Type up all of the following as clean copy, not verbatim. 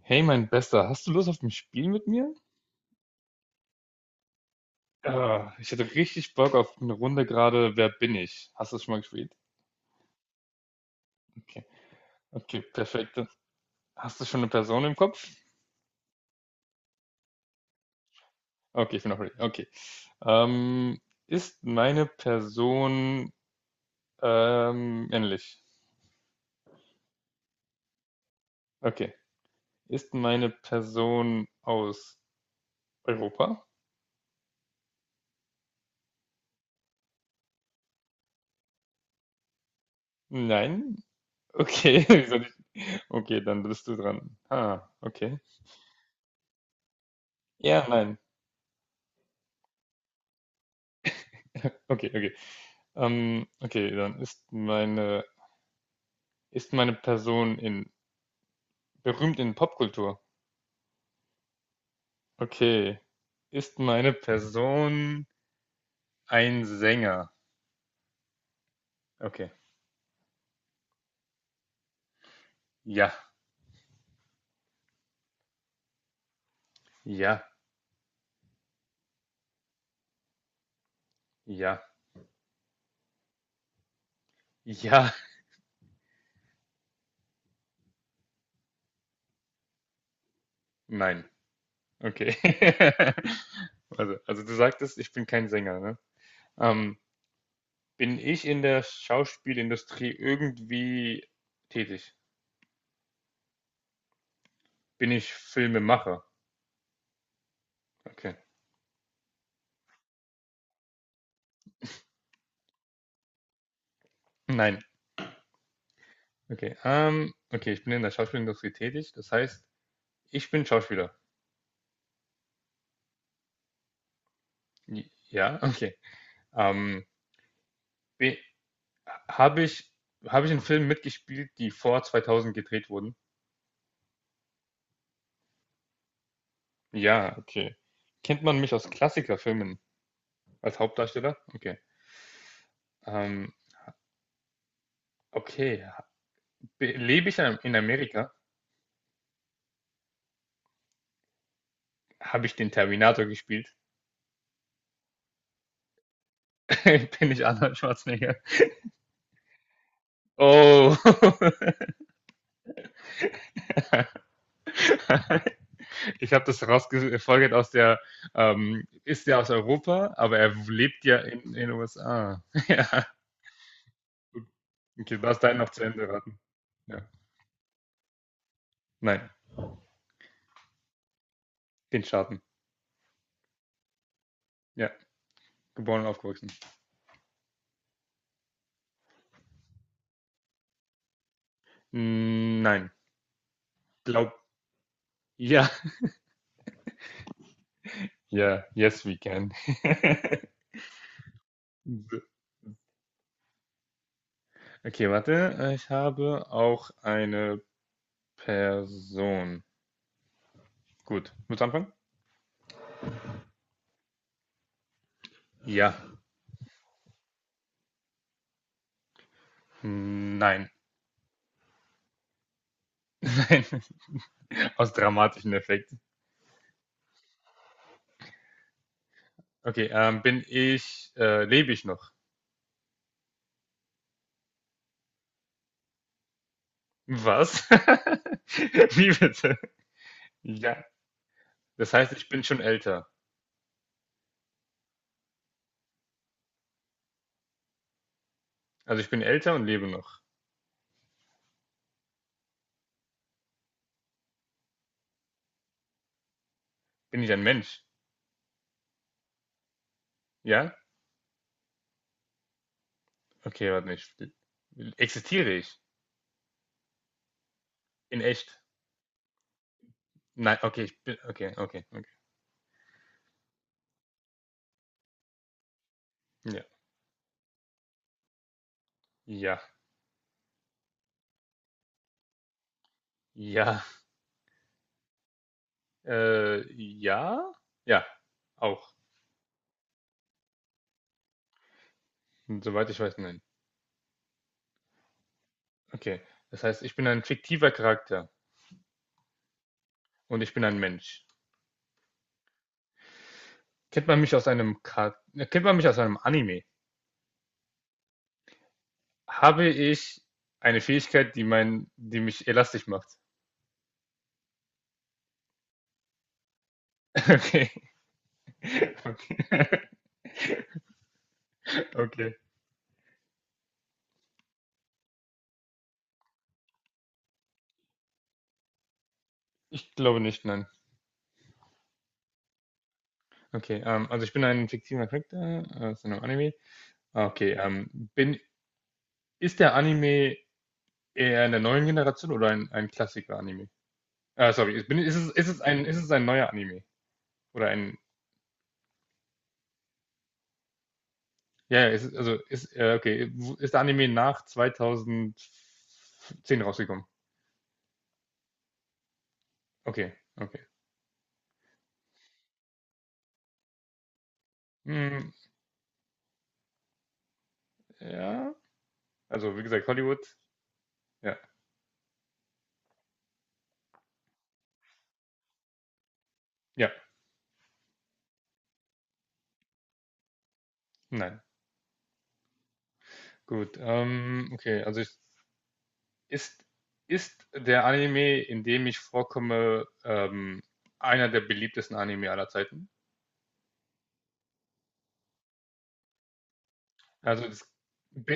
Hey, mein Bester, hast du Lust auf ein Spiel mit mir? Ich hätte richtig Bock auf eine Runde gerade Wer bin ich? Hast du das schon mal gespielt? Okay, okay, perfekt. Hast du schon eine Person im Kopf? Okay, ich bin auch ready. Okay. Ähm, Ist meine Person männlich? Okay. Ist meine Person aus Europa? Nein. Okay. Wie soll ich- Okay, dann bist du dran. Ah, okay. Ja, nein. Okay, okay. Okay, dann ist meine Person in berühmt in Popkultur? Okay. Ist meine Person ein Sänger? Okay. Ja, ja, ja, ja, nein. Okay. Also, du sagtest, ich bin kein Sänger, ne? Ähm, Bin ich in der Schauspielindustrie irgendwie tätig? Bin ich Filmemacher? Okay. Nein. Okay. Okay, ich bin in der Schauspielindustrie tätig. Das heißt, ich bin Schauspieler. Ja, okay. Ähm, be- habe ich, habe ich in Filmen mitgespielt, die vor 2000 gedreht wurden? Ja, okay. Kennt man mich aus Klassikerfilmen als Hauptdarsteller? Okay. Ähm, okay. Lebe ich in Amerika? Habe ich den Terminator gespielt? Bin ich Arnold Schwarzenegger? Oh. Ich habe das rausgefolgert ist der aus Europa, aber er lebt ja in den USA. Ja. Okay, du darfst deinen noch zu Ende raten. Ja. Nein, den Staaten. Ja, geboren und aufgewachsen. Mm, nein, glaub, ja, ja, yes, we can. So. Okay, warte, ich habe auch eine Person. Gut, muss anfangen? Ja, mm, nein, nein, aus dramatischen Effekten. Okay, lebe ich noch? Was? Wie bitte? Ja, das heißt, ich bin schon älter. Also ich bin älter und lebe noch. Bin ich ein Mensch? Ja? Okay, warte nicht. Existiere ich? In echt? Nein, okay, ich bin. Okay, okay, okay. Ja. Ja. Ja. Ja? Ja. Auch. Hm, soweit ich weiß, nein. Okay. Das heißt, ich bin ein fiktiver Charakter und ich bin ein Mensch. Kennt man mich aus einem Ka Kennt man mich aus einem Anime? Habe ich eine Fähigkeit, die mich elastisch macht? Okay. Okay. Okay. Ich glaube nicht, nein. Okay, also ich bin ein fiktiver Charakter aus einem Anime. Ah, okay, bin, ist der Anime eher in der neuen Generation oder ein Klassiker-Anime? Ah, sorry, ist, bin, ist es ein neuer Anime? Oder ein, ja, ja, ist es, also, ist, okay, wo- ist der Anime nach 2010 rausgekommen? Okay, okay. Hm, ja, also, wie gesagt, Hollywood, ja, ja, nein. Gut, okay, also, ist, ist der Anime, in dem ich vorkomme, einer der beliebtesten Anime aller Zeiten? Also das,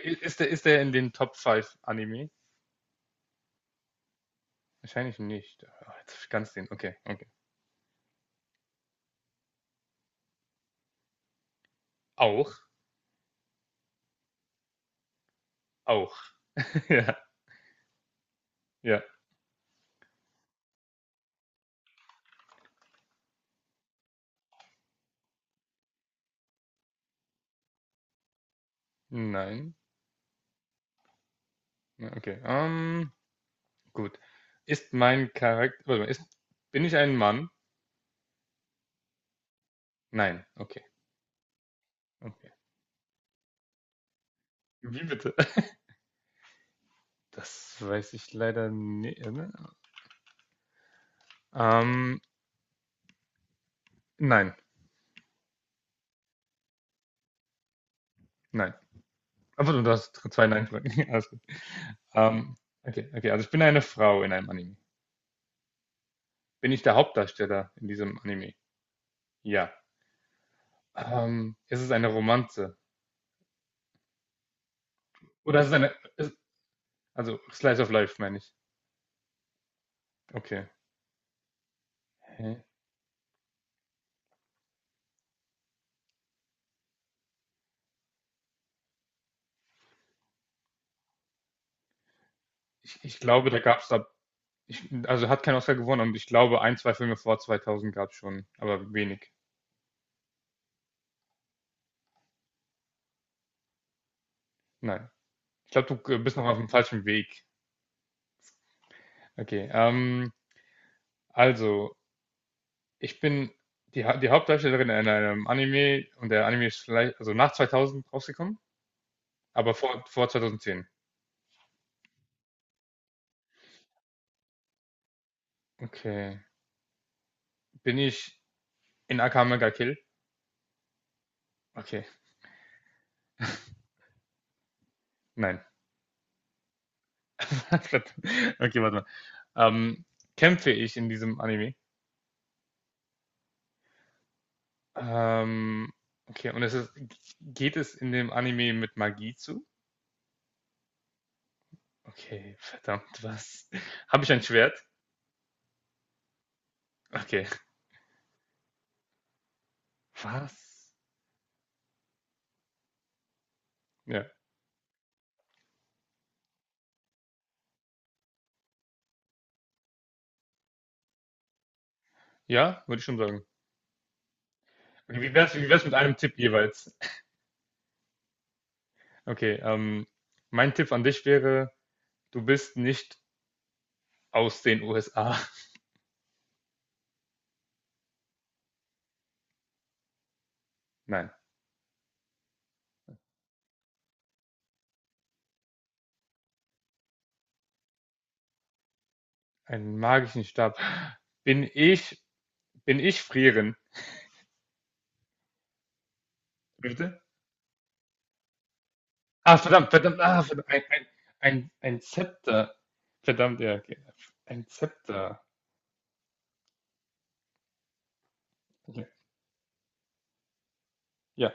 ist der, ist der in den Top 5 Anime? Wahrscheinlich nicht. Ah, jetzt hab ich ganz den. Okay, okay. Auch? Auch. Ja, ja. Nein. Ja, okay. Gut. Ist mein Charakter. Warte mal, bin ich ein Mann? Nein. Okay. Okay. Wie bitte? Das weiß ich leider nicht. Ne? Ähm, nein, nein. Aber du hast zwei Nein-Fragen. Alles gut. Ähm, okay, okay. Also ich bin eine Frau in einem Anime. Bin ich der Hauptdarsteller in diesem Anime? Ja. Ist es eine Romanze? Oder ist es eine. Ist, also, Slice of Life meine ich. Okay. Hä? Ich glaube, da gab es da. Also, hat kein Oscar gewonnen und ich glaube, ein, zwei Filme vor 2000 gab es schon, aber wenig. Nein. Ich glaube, du bist noch auf dem falschen Weg. Okay. Also, ich bin die Hauptdarstellerin in einem Anime und der Anime ist vielleicht, also nach 2000 rausgekommen, aber vor 2010. Okay. Bin ich in Akame ga Kill? Okay. Nein. Verdammt. Okay, warte mal. Ähm, Kämpfe ich in diesem Anime? Ähm, okay, und geht es in dem Anime mit Magie zu? Okay, verdammt, was? Habe ich ein Schwert? Okay, was? Ja, ja, würde ich schon sagen. Wie wär's mit einem Tipp jeweils? Okay, mein Tipp an dich wäre, du bist nicht aus den USA. Nein, einen magischen Stab. Bin ich, bin ich frieren? Bitte? Ah, verdammt, verdammt, ah, verdammt, ein Zepter. Verdammt, ja, okay. Ein Zepter. Okay. Ja,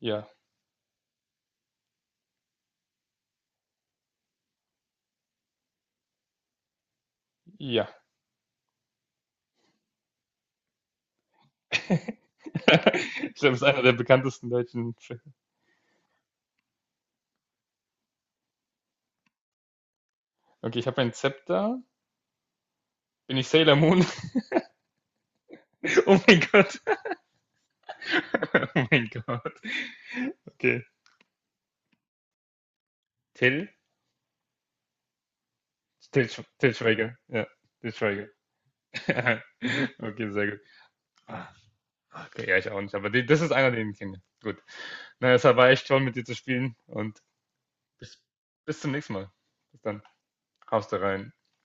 ja, ja. Ich glaube, es ist einer der bekanntesten deutschen Filme. Okay, ich habe ein Zepter. Bin ich Sailor Moon? Oh mein Gott. Oh mein Gott. Okay. Till? Till Schweiger. Ja, Till Schweiger. Okay, sehr gut. Ah, okay, ja, ich auch nicht. Aber das ist einer, den ich kenne. Gut. Na, es war echt toll, mit dir zu spielen. Und Bis, bis zum nächsten Mal. Bis dann. Haust da rein.